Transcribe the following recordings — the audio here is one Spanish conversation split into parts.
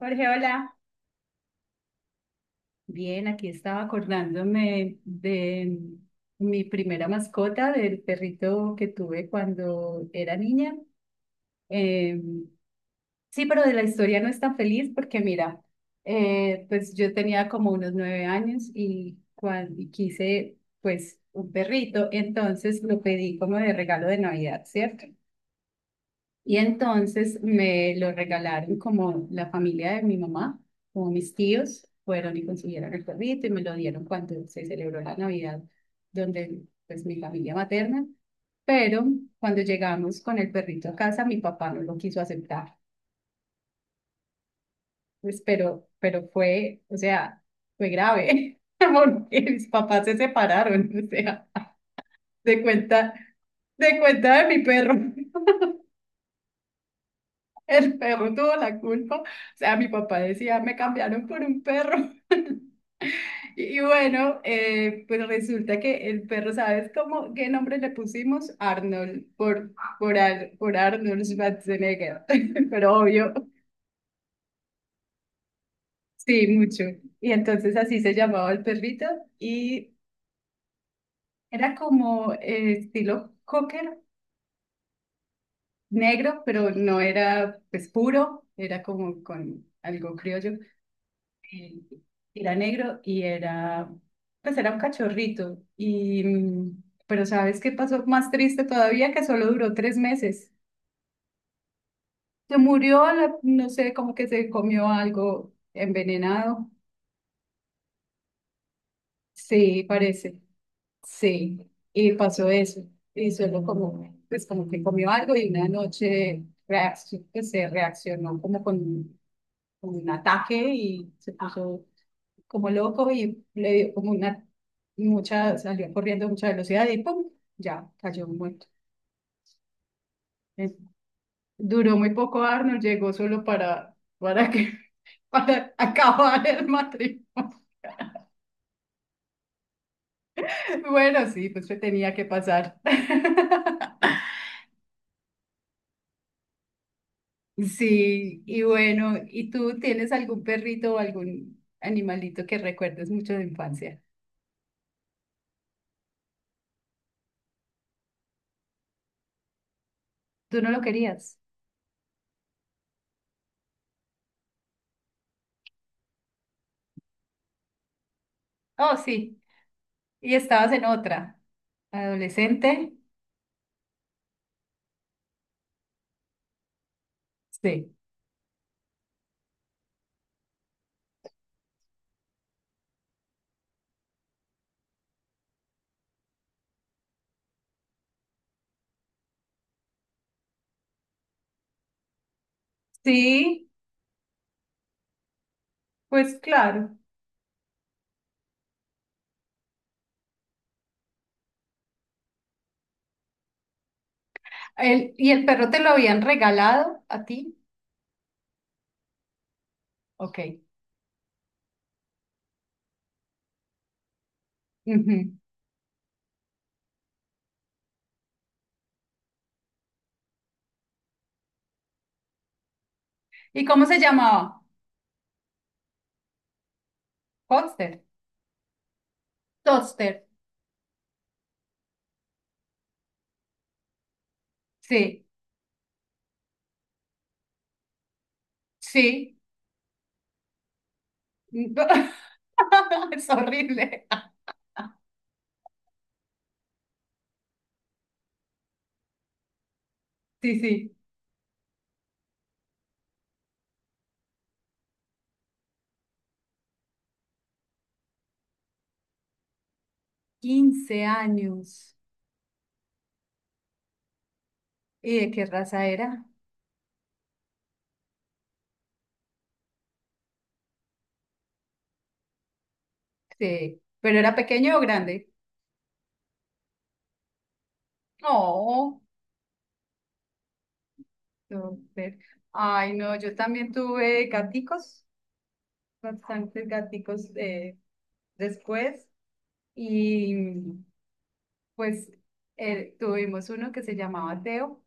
Jorge, hola. Bien, aquí estaba acordándome de mi primera mascota, del perrito que tuve cuando era niña. Eh, sí, pero de la historia no es tan feliz porque mira, pues yo tenía como unos 9 años y cuando quise pues un perrito, entonces lo pedí como de regalo de Navidad, ¿cierto? Y entonces me lo regalaron como la familia de mi mamá, como mis tíos, fueron y consiguieron el perrito y me lo dieron cuando se celebró la Navidad, donde pues mi familia materna. Pero cuando llegamos con el perrito a casa, mi papá no lo quiso aceptar. Pues, pero fue, o sea, fue grave, porque mis papás se separaron, o sea, de cuenta, de cuenta de mi perro. El perro tuvo la culpa. O sea, mi papá decía, me cambiaron por un perro. Y bueno, pues resulta que el perro, ¿sabes cómo, qué nombre le pusimos? Arnold, por Arnold Schwarzenegger, pero obvio, sí, mucho. Y entonces así se llamaba el perrito y era como estilo cocker, negro, pero no era pues puro, era como con algo criollo. eh, era negro y pues era un cachorrito. Y pero ¿sabes qué pasó más triste todavía? Que solo duró 3 meses. Se murió, no sé, como que se comió algo envenenado. Sí, parece. Sí, y pasó eso. Y solo como, pues como que comió algo y una noche pues, se reaccionó como con, un ataque y se puso como loco y le dio como una mucha, salió corriendo a mucha velocidad y ¡pum! Ya cayó muerto. Es- Duró muy poco Arnold, llegó solo para que, para acabar el matrimonio. Bueno, sí, pues se tenía que pasar. Sí, y bueno, ¿y tú tienes algún perrito o algún animalito que recuerdes mucho de infancia? ¿Tú no lo querías? Oh, sí, y estabas en otra, adolescente. Sí. Sí, pues claro. ¿Y el perro te lo habían regalado a ti? Ok. Ujú. ¿Y cómo se llamaba? Foster. Toaster. Sí, sí. Es horrible. Sí, sí. 15 años. ¿Y de qué raza era? Sí. ¿Pero era pequeño o grande? No. Toaster. Ay, no, yo también tuve gaticos, bastantes gaticos después. Y pues tuvimos uno que se llamaba Teo,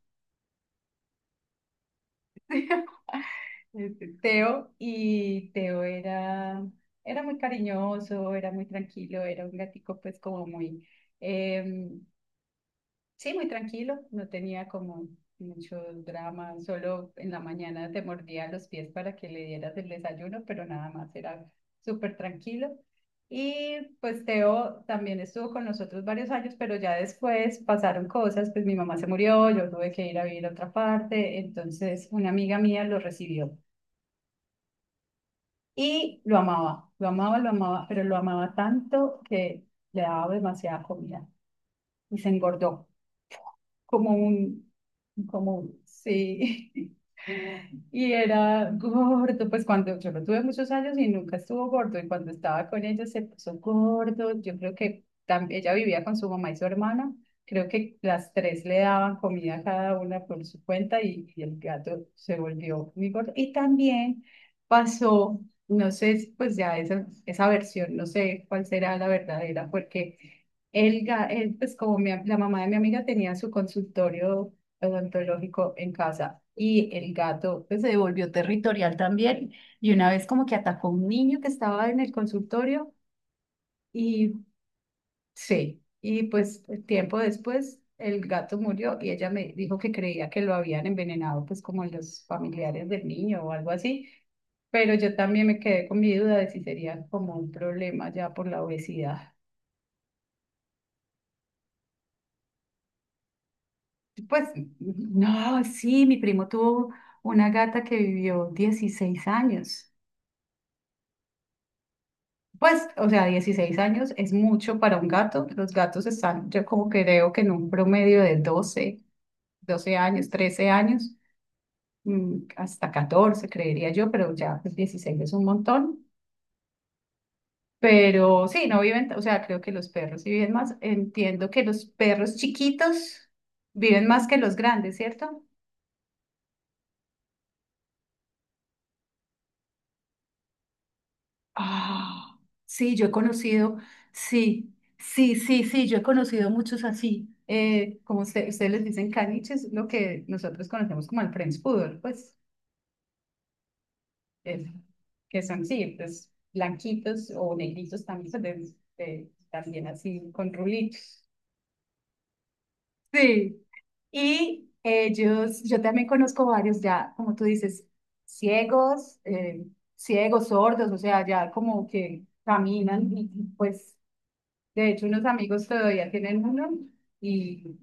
Teo, y Teo era muy cariñoso, era muy tranquilo, era un gatico pues como muy, em, Sí, muy tranquilo, no tenía como mucho drama, solo en la mañana te mordía los pies para que le dieras el desayuno, pero nada más era súper tranquilo. Y pues Teo también estuvo con nosotros varios años, pero ya después pasaron cosas, pues mi mamá se murió, yo tuve que ir a vivir a otra parte, entonces una amiga mía lo recibió y lo amaba, lo amaba, lo amaba, pero lo amaba tanto que le daba demasiada comida y se engordó. como un, como, sí, y era gordo, pues cuando yo lo tuve muchos años y nunca estuvo gordo, y cuando estaba con ella se puso gordo, yo creo que también ella vivía con su mamá y su hermana, creo que las tres le daban comida a cada una por su cuenta y el gato se volvió muy gordo, y también pasó, no sé, pues ya esa versión, no sé cuál será la verdadera, porque. Pues como la mamá de mi amiga tenía su consultorio odontológico en casa. Y el gato pues, se volvió territorial también. Y una vez como que atacó a un niño que estaba en el consultorio y sí, y pues tiempo después el gato murió y ella me dijo que creía que lo habían envenenado pues como los familiares del niño o algo así. Pero yo también me quedé con mi duda de si sería como un problema ya por la obesidad. Pues no, sí, mi primo tuvo una gata que vivió 16 años. Pues, o sea, 16 años es mucho para un gato. Los gatos están, yo como que creo que en un promedio de 12 años, 13 años, hasta 14 creería yo, pero ya pues, 16 es un montón. Pero sí, no viven, o sea, creo que los perros sí viven más. Entiendo que los perros chiquitos viven más que los grandes, ¿cierto? Ah, sí, yo he conocido, sí, sí, sí, sí, yo he conocido muchos así, como ustedes les dicen caniches, lo que nosotros conocemos como el French Poodle, pues, eh, que son, sí, pues, blanquitos o negritos también, pues, también así, con rulitos. Sí, y ellos, yo también conozco varios ya, como tú dices, ciegos, eh, ciegos, sordos, o sea, ya como que caminan y, pues. De hecho, unos amigos todavía tienen uno y,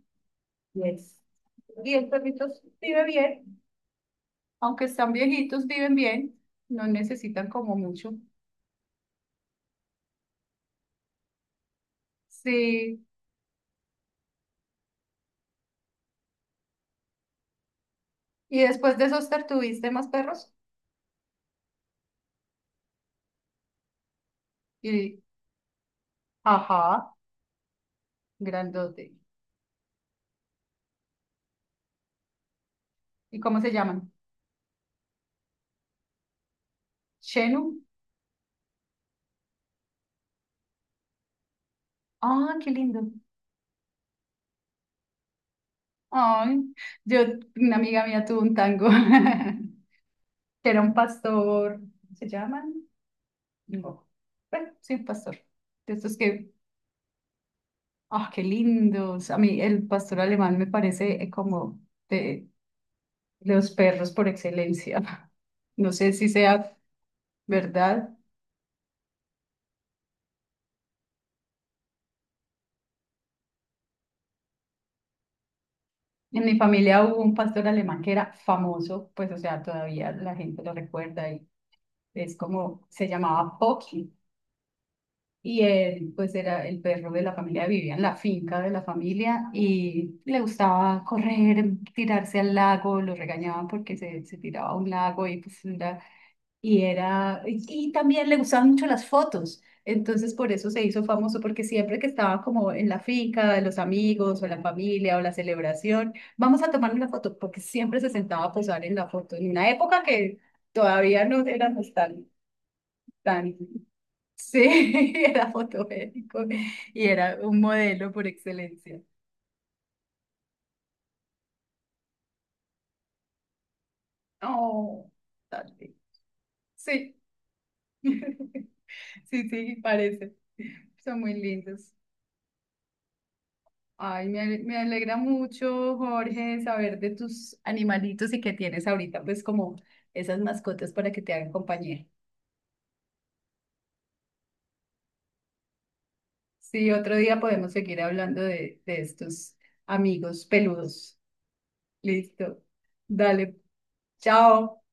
y es, y el perrito vive bien, aunque están viejitos, viven bien, no necesitan como mucho. Sí, y después de esos tuviste más perros y, ajá, grandote. ¿Y cómo se llaman? Shenu. Ah, qué lindo. Ay, yo, una amiga mía tuvo un tango, que era un pastor, ¿se llaman? No. Bueno, sí, un pastor. De estos que. Ah, qué lindos. A mí el pastor alemán me parece como de los perros por excelencia. No sé si sea verdad. En mi familia hubo un pastor alemán que era famoso, pues o sea, todavía la gente lo recuerda y es como, se llamaba Pocky y él pues era el perro de la familia, vivía en la finca de la familia y le gustaba correr, tirarse al lago, lo regañaban porque se tiraba a un lago y pues era y también le gustaban mucho las fotos. Entonces, por eso se hizo famoso, porque siempre que estaba como en la finca de los amigos o la familia o la celebración, vamos a tomar una foto, porque siempre se sentaba a posar en la foto, en una época que todavía no éramos tan, tan, sí, era fotogénico y era un modelo por excelencia. Oh, tal vez. Sí, sí, sí, parece. Son muy lindos. Ay, me alegra mucho, Jorge, saber de tus animalitos y que tienes ahorita, pues, como esas mascotas para que te hagan compañía. Sí, otro día podemos seguir hablando de estos amigos peludos. Listo. Dale, chao.